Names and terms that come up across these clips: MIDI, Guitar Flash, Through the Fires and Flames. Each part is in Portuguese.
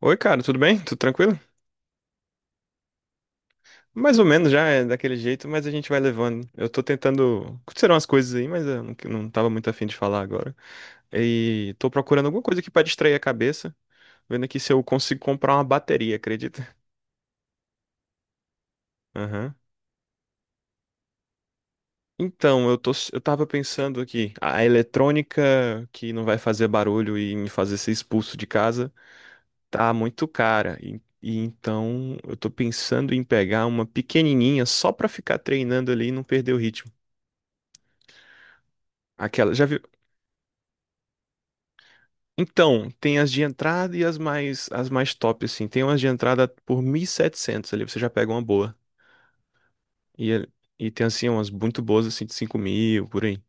Oi, cara, tudo bem? Tudo tranquilo? Mais ou menos já é daquele jeito, mas a gente vai levando. Eu tô tentando. Aconteceram umas coisas aí, mas eu não tava muito afim de falar agora. E tô procurando alguma coisa aqui pra distrair a cabeça, vendo aqui se eu consigo comprar uma bateria, acredita? Aham. Então, eu tava pensando aqui, a eletrônica que não vai fazer barulho e me fazer ser expulso de casa tá muito cara. E então eu tô pensando em pegar uma pequenininha só pra ficar treinando ali e não perder o ritmo. Aquela, já vi. Então, tem as de entrada e as mais top assim. Tem umas de entrada por 1.700 ali, você já pega uma boa. E é- e tem assim umas muito boas assim de 5.000 por aí.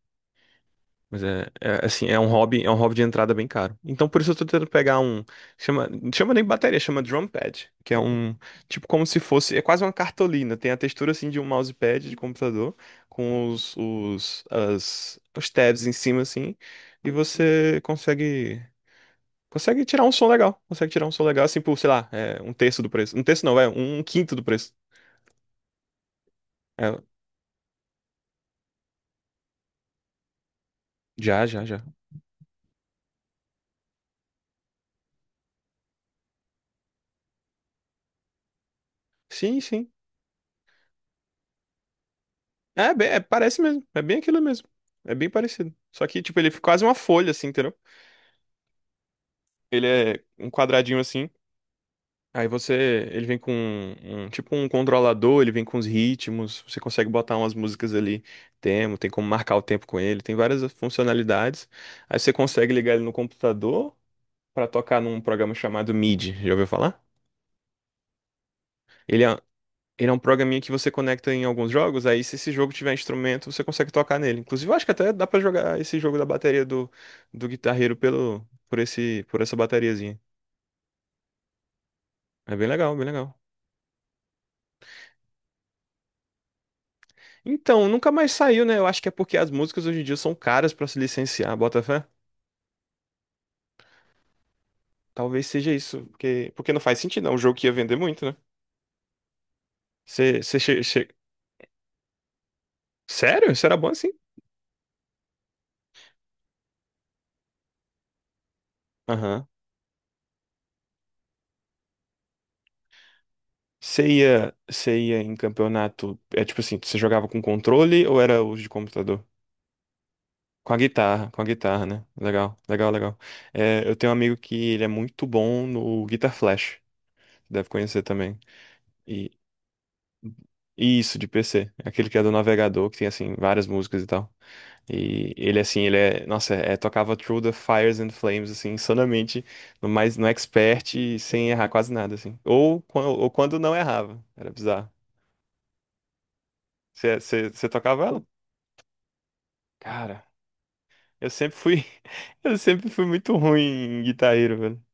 Mas assim, é um hobby de entrada bem caro. Então por isso eu tô tentando pegar um, chama, não chama nem bateria, chama drum pad, que é um tipo como se fosse, é quase uma cartolina, tem a textura assim de um mousepad de computador com os tabs em cima assim, e você consegue consegue tirar um som legal. Assim, por, sei lá, é, um terço do preço. Um terço não, é um quinto do preço. É, já. Sim, sim. É, bem, é, parece mesmo. É bem aquilo mesmo. É bem parecido. Só que, tipo, ele é quase uma folha, assim, entendeu? Ele é um quadradinho assim. Aí você. Ele vem com tipo um controlador, ele vem com os ritmos. Você consegue botar umas músicas ali. Tem como marcar o tempo com ele. Tem várias funcionalidades. Aí você consegue ligar ele no computador pra tocar num programa chamado MIDI. Já ouviu falar? Ele é, Ele é um programinha que você conecta em alguns jogos, aí se esse jogo tiver instrumento, você consegue tocar nele. Inclusive, eu acho que até dá pra jogar esse jogo da bateria do guitarreiro por essa bateriazinha. É bem legal, bem legal. Então, nunca mais saiu, né? Eu acho que é porque as músicas hoje em dia são caras pra se licenciar, bota fé? Talvez seja isso, porque não faz sentido, é um jogo que ia vender muito, né? Você, você che- che- Sério? Isso era bom assim? Aham. Você ia em campeonato, é tipo assim, você jogava com controle ou era os de computador? Com a guitarra, né? Legal, legal, legal. É, eu tenho um amigo que ele é muito bom no Guitar Flash. Deve conhecer também. E e isso, de PC. Aquele que é do navegador, que tem, assim, várias músicas e tal. E ele, assim, ele é... Nossa, é, tocava Through the Fires and Flames, assim, insanamente. No, mais, no expert, e sem errar quase nada, assim. Ou, quan- ou quando não errava. Era bizarro. Você tocava ela? Cara, eu sempre fui... Eu sempre fui muito ruim em guitarreiro, velho.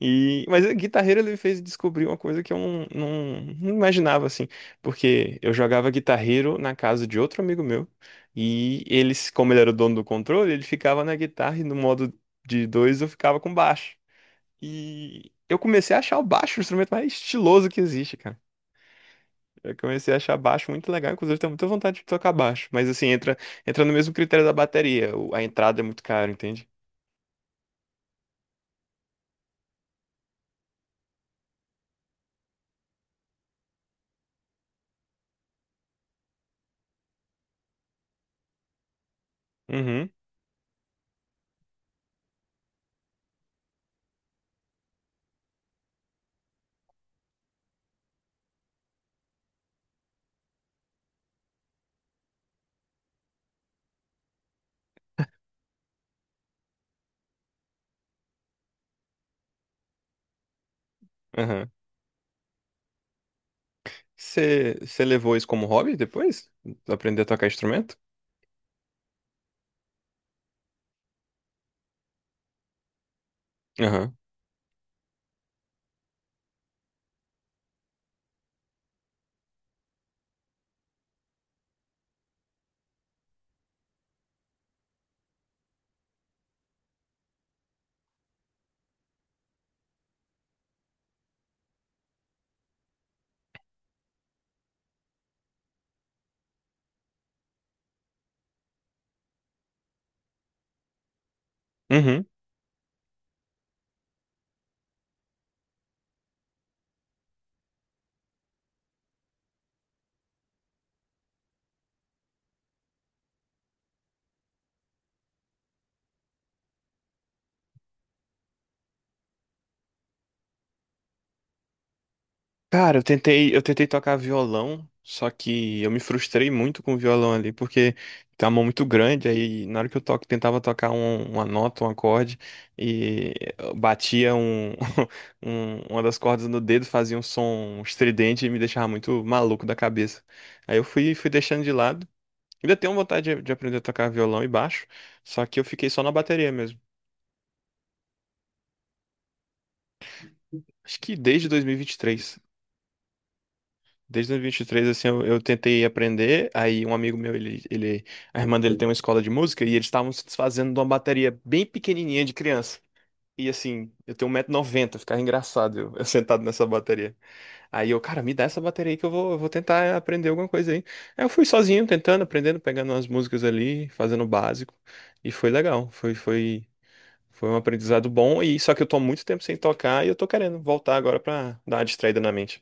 E, mas o guitarreiro ele fez descobrir uma coisa que eu não imaginava assim, porque eu jogava guitarreiro na casa de outro amigo meu e eles, como ele era o dono do controle, ele ficava na guitarra e no modo de dois eu ficava com baixo. E eu comecei a achar o baixo o instrumento mais estiloso que existe, cara. Eu comecei a achar baixo muito legal, inclusive eu tenho muita vontade de tocar baixo, mas assim, entra no mesmo critério da bateria, o- a entrada é muito cara, entende? Uhum, uhum. Você levou isso como hobby depois? Aprender a tocar instrumento? Aham. Uhum. Cara, eu tentei tocar violão, só que eu me frustrei muito com o violão ali, porque tem uma mão muito grande, aí na hora que eu toco, tentava tocar uma nota, um acorde, e eu batia um, uma das cordas no dedo, fazia um som estridente e me deixava muito maluco da cabeça. Aí fui deixando de lado. Ainda tenho vontade de aprender a tocar violão e baixo, só que eu fiquei só na bateria mesmo. Acho que desde 2023. Desde 2023, assim, eu tentei aprender. Aí um amigo meu, a irmã dele tem uma escola de música e eles estavam se desfazendo de uma bateria bem pequenininha de criança. E assim, eu tenho um 1,90 noventa, ficava engraçado eu sentado nessa bateria. Aí eu, cara, me dá essa bateria aí que eu vou tentar aprender alguma coisa aí. Aí eu fui sozinho, tentando, aprendendo, pegando umas músicas ali, fazendo o básico. E foi legal, foi um aprendizado bom. E só que eu tô há muito tempo sem tocar e eu tô querendo voltar agora pra dar uma distraída na mente.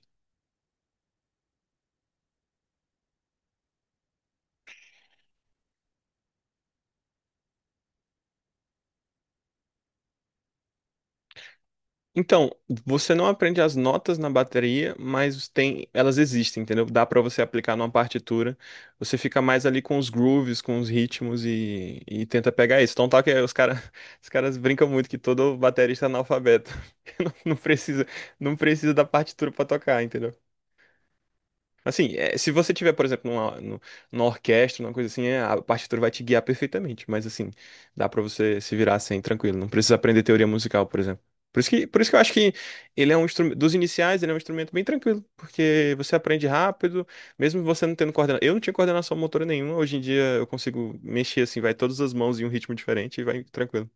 Então, você não aprende as notas na bateria, mas tem, elas existem, entendeu? Dá pra você aplicar numa partitura. Você fica mais ali com os grooves, com os ritmos e tenta pegar isso. Então, tá que os caras brincam muito que todo baterista é analfabeto. Não, não precisa da partitura pra tocar, entendeu? Assim, é, se você tiver, por exemplo, numa orquestra, numa coisa assim, é, a partitura vai te guiar perfeitamente. Mas assim, dá pra você se virar assim, tranquilo. Não precisa aprender teoria musical, por exemplo. Por isso que eu acho que ele é um instrumento, dos iniciais, ele é um instrumento bem tranquilo, porque você aprende rápido, mesmo você não tendo coordenação. Eu não tinha coordenação motora nenhuma, hoje em dia eu consigo mexer assim, vai todas as mãos em um ritmo diferente e vai tranquilo.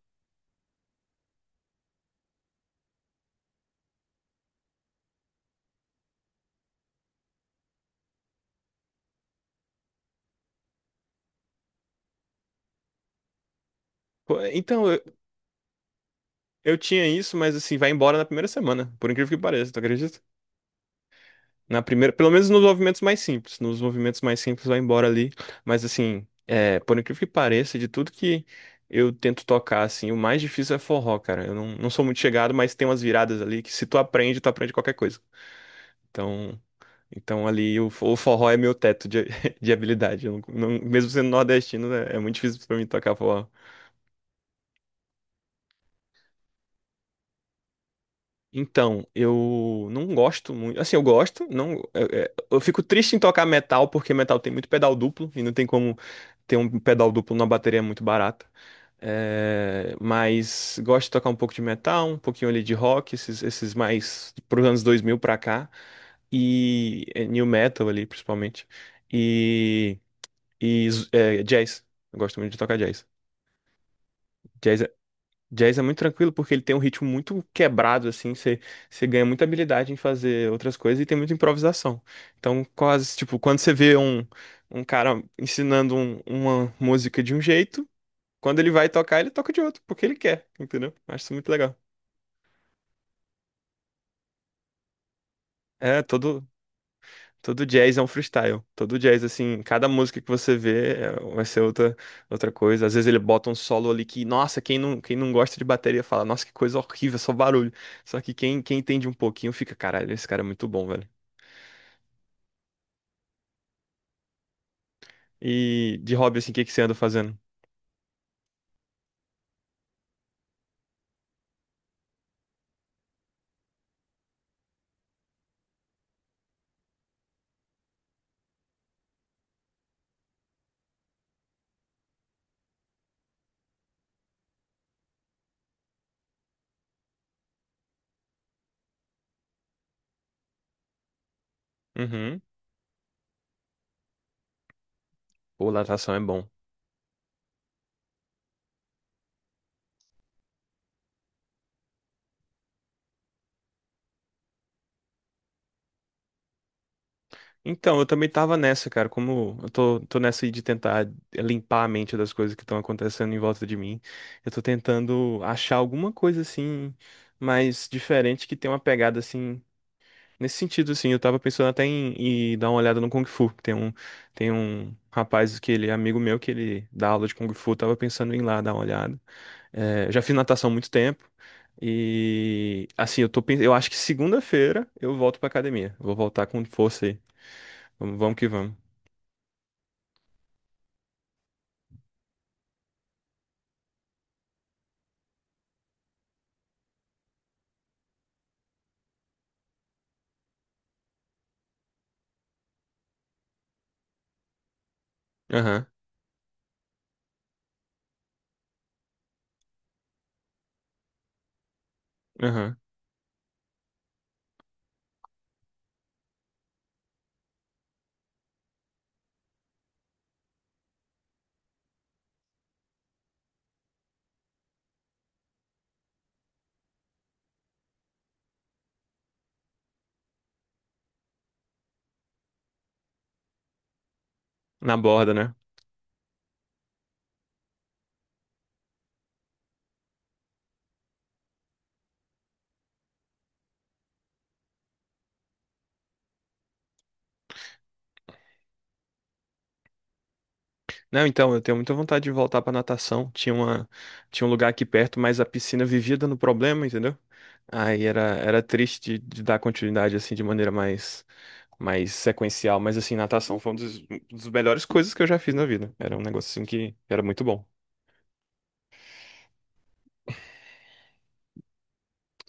Pô, então, eu tinha isso, mas assim, vai embora na primeira semana, por incrível que pareça, tu acredita? Na primeira, pelo menos nos movimentos mais simples. Nos movimentos mais simples vai embora ali. Mas assim, é, por incrível que pareça, de tudo que eu tento tocar, assim, o mais difícil é forró, cara. Eu não sou muito chegado, mas tem umas viradas ali que se tu aprende, tu aprende qualquer coisa. Então, então ali o, fo- o forró é meu teto de, de habilidade. Eu não- não- mesmo sendo nordestino, é muito difícil pra mim tocar forró. Então, eu não gosto muito. Assim, eu gosto, não, fico triste em tocar metal porque metal tem muito pedal duplo e não tem como ter um pedal duplo numa bateria muito barata. É, mas gosto de tocar um pouco de metal, um pouquinho ali de rock, esses mais pros anos 2000 pra cá e é, new metal ali, principalmente. E, é, jazz. Eu gosto muito de tocar jazz. Jazz é Jazz é muito tranquilo porque ele tem um ritmo muito quebrado, assim, você ganha muita habilidade em fazer outras coisas e tem muita improvisação. Então, quase, tipo, quando você vê um cara ensinando uma música de um jeito, quando ele vai tocar, ele toca de outro, porque ele quer, entendeu? Acho isso muito legal. É, todo, Todo jazz é um freestyle. Todo jazz, assim, cada música que você vê é- vai ser outra coisa. Às vezes ele bota um solo ali que, nossa, quem não gosta de bateria fala, nossa, que coisa horrível, só barulho. Só que quem entende um pouquinho fica, caralho, esse cara é muito bom, velho. E de hobby, assim, o que que você anda fazendo? Uhum. Pô, natação é bom. Então, eu também tava nessa, cara. Como eu tô nessa aí de tentar limpar a mente das coisas que estão acontecendo em volta de mim. Eu tô tentando achar alguma coisa assim, mais diferente que tenha uma pegada assim. Nesse sentido, assim, eu tava pensando até em dar uma olhada no Kung Fu. Tem um rapaz que ele é amigo meu que ele dá aula de Kung Fu, eu tava pensando em ir lá dar uma olhada. É, já fiz natação há muito tempo. E assim, eu acho que segunda-feira eu volto pra academia. Vou voltar com força aí. Vamos, vamos que vamos. Aham, aham. Na borda, né? Não, então, eu tenho muita vontade de voltar pra natação. Tinha um lugar aqui perto, mas a piscina vivia dando problema, entendeu? Aí era triste de dar continuidade, assim, de maneira mais sequencial. Mas, assim, natação foi uma das melhores coisas que eu já fiz na vida. Era um negócio, assim, que era muito bom.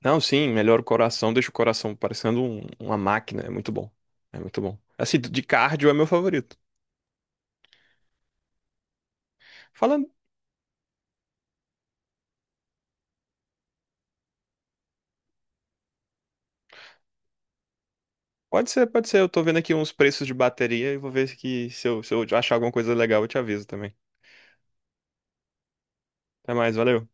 Não, sim, melhora o coração, deixa o coração parecendo uma máquina. É muito bom. É muito bom. Assim, de cardio é meu favorito. Falando. Pode ser, pode ser. Eu tô vendo aqui uns preços de bateria e vou ver se eu achar alguma coisa legal, eu te aviso também. Até mais, valeu.